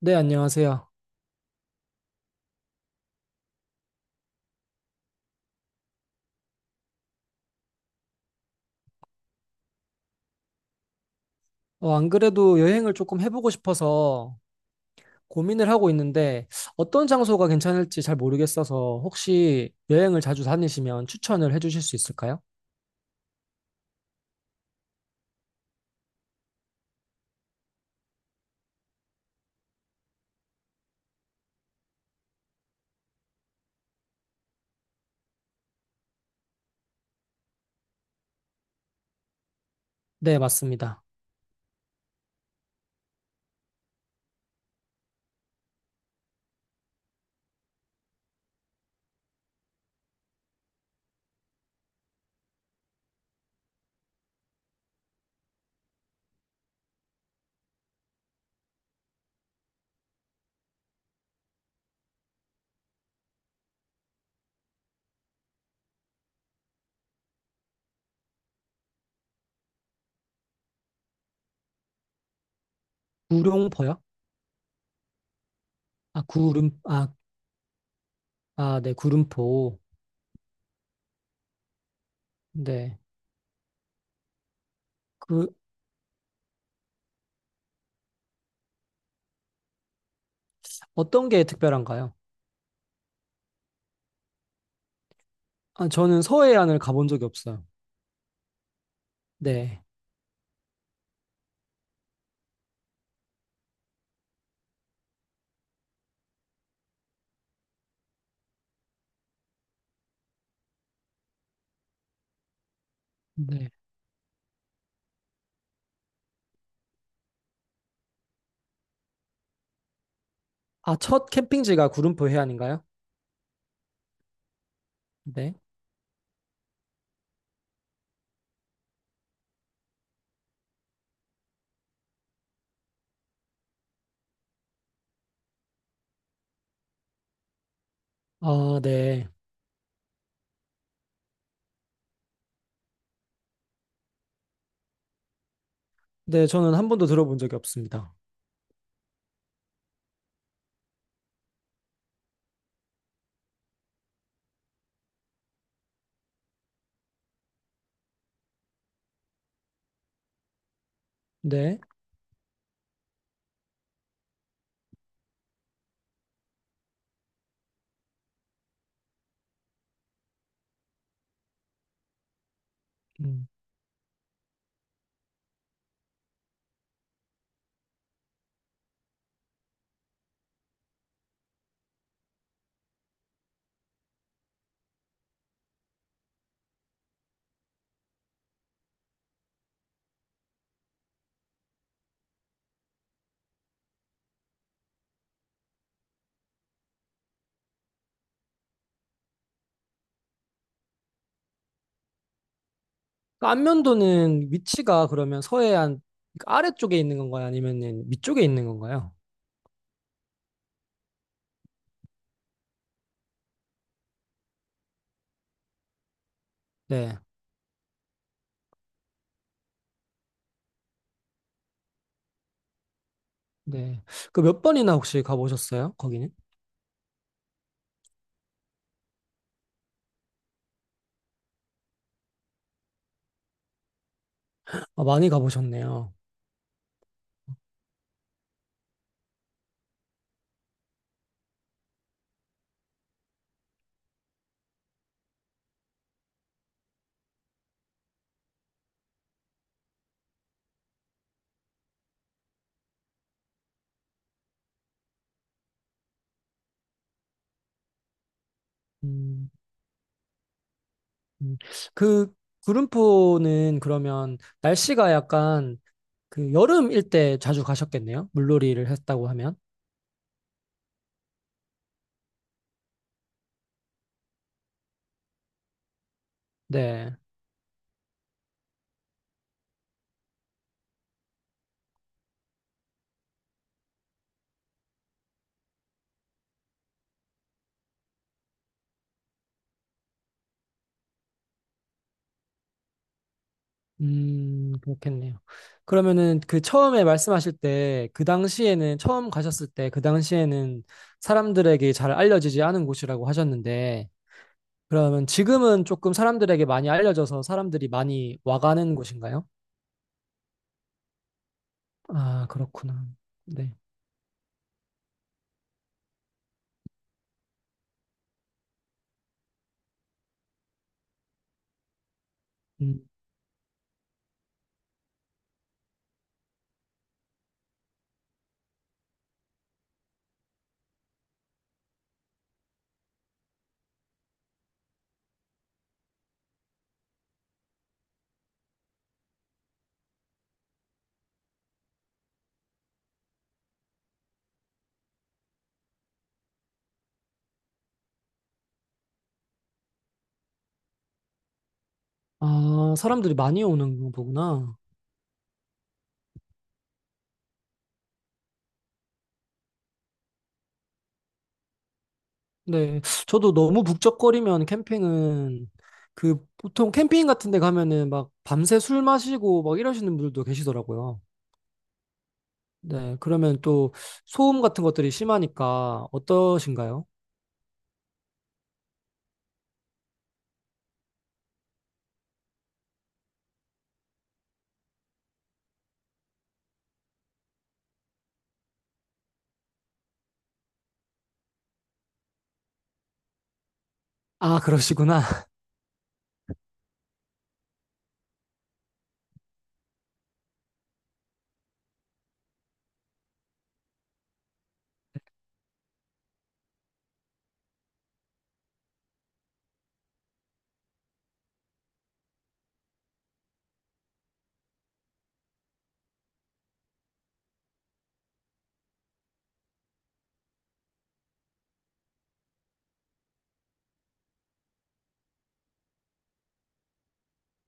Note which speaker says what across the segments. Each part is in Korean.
Speaker 1: 네, 안녕하세요. 안 그래도 여행을 조금 해보고 싶어서 고민을 하고 있는데 어떤 장소가 괜찮을지 잘 모르겠어서 혹시 여행을 자주 다니시면 추천을 해주실 수 있을까요? 네, 맞습니다. 구룡포요? 아, 구름, 아, 아, 네, 구름포. 네. 그, 어떤 게 특별한가요? 아, 저는 서해안을 가본 적이 없어요. 네. 네. 아, 첫 캠핑지가 구름포 해안인가요? 네. 아, 네. 네, 저는 한 번도 들어본 적이 없습니다. 네. 음. 그러니까 안면도는 위치가 그러면 서해안, 그러니까 아래쪽에 있는 건가요? 아니면은 위쪽에 있는 건가요? 네. 네. 그 몇 번이나 혹시 가보셨어요? 거기는? 아, 많이 가보셨네요. 음, 음. 그 구름포는 그러면 날씨가 약간 그 여름일 때 자주 가셨겠네요? 물놀이를 했다고 하면. 네. 그렇겠네요. 그러면은 그 처음에 말씀하실 때, 그 당시에는, 처음 가셨을 때, 그 당시에는 사람들에게 잘 알려지지 않은 곳이라고 하셨는데, 그러면 지금은 조금 사람들에게 많이 알려져서 사람들이 많이 와가는 곳인가요? 아, 그렇구나. 네. 음. 아, 사람들이 많이 오는 거구나. 네. 저도 너무 북적거리면 캠핑은, 그 보통 캠핑 같은 데 가면은 막 밤새 술 마시고 막 이러시는 분들도 계시더라고요. 네, 그러면 또 소음 같은 것들이 심하니까 어떠신가요? 아, 그러시구나.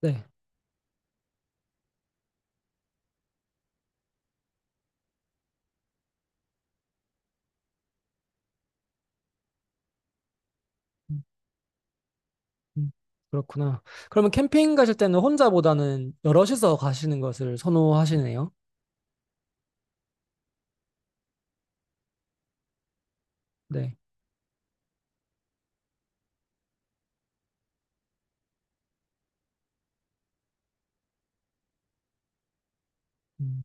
Speaker 1: 네. 음, 음, 그렇구나. 그러면 캠핑 가실 때는 혼자보다는 여럿이서 가시는 것을 선호하시네요. 네. 음,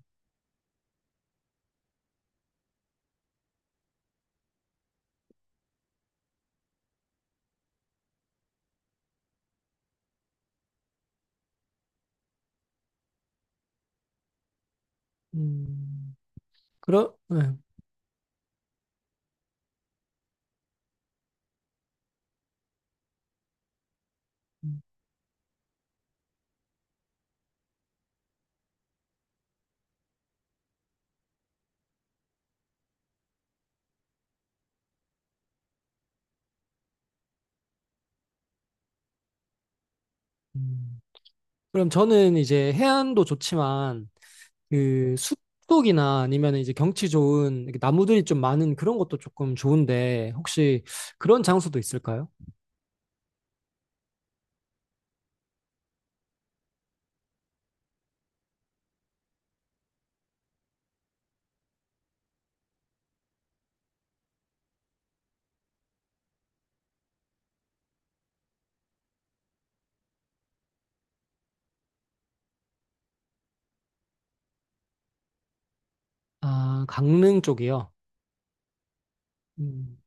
Speaker 1: 음, 그러, 네. 음. 그럼 저는 이제 해안도 좋지만 그 숲속이나 아니면 이제 경치 좋은 이렇게 나무들이 좀 많은 그런 것도 조금 좋은데 혹시 그런 장소도 있을까요? 아, 강릉 쪽이요. 음,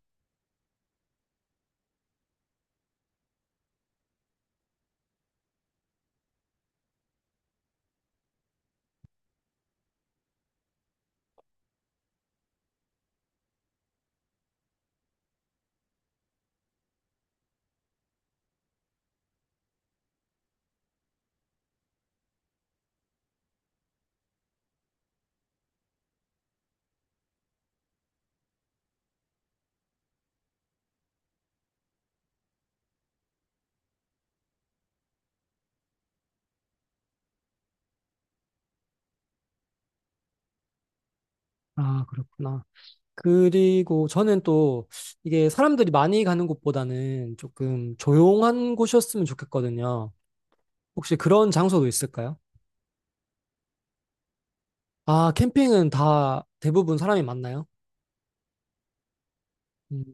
Speaker 1: 아, 그렇구나. 그리고 저는 또 이게 사람들이 많이 가는 곳보다는 조금 조용한 곳이었으면 좋겠거든요. 혹시 그런 장소도 있을까요? 아, 캠핑은 다 대부분 사람이 많나요? 음,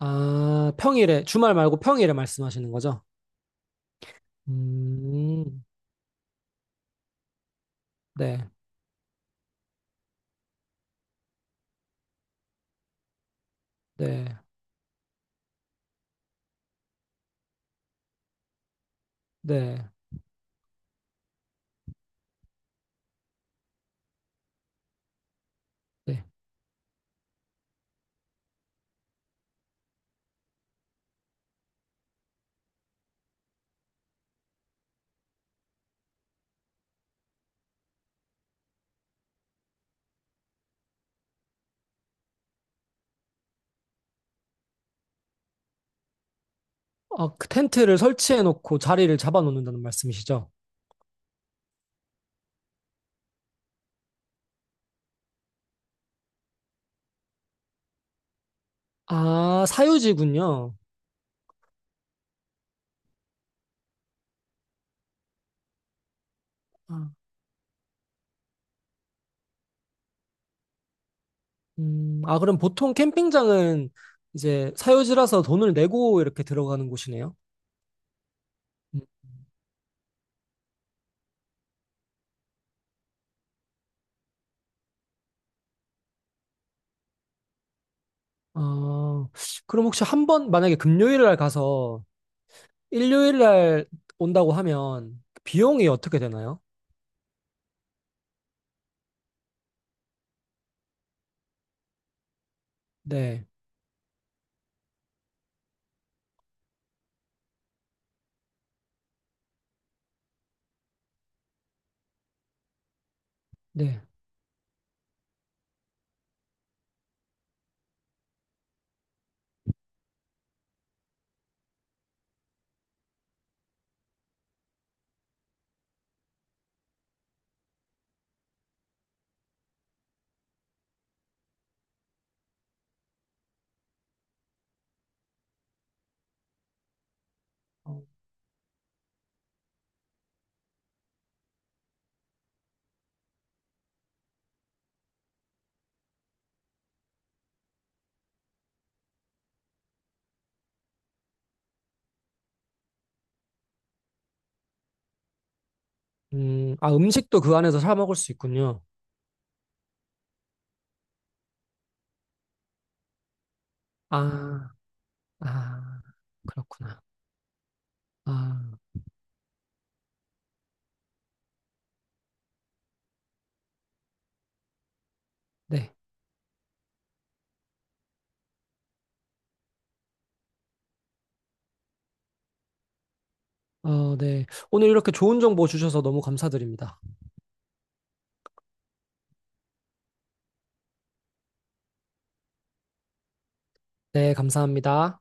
Speaker 1: 아, 평일에, 주말 말고 평일에 말씀하시는 거죠? 음, 네, 네, 네, 네. 어, 그 텐트를 설치해 놓고 자리를 잡아 놓는다는 말씀이시죠? 아, 사유지군요. 아. 아, 그럼 보통 캠핑장은 이제 사유지라서 돈을 내고 이렇게 들어가는 곳이네요. 음. 아, 그럼 혹시 한 번, 만약에 금요일 날 가서 일요일 날 온다고 하면 비용이 어떻게 되나요? 네, 네. 어, 아, 음식도 그 안에서 사 먹을 수 있군요. 아, 아, 그렇구나. 아, 네. 어, 네. 오늘 이렇게 좋은 정보 주셔서 너무 감사드립니다. 네, 감사합니다.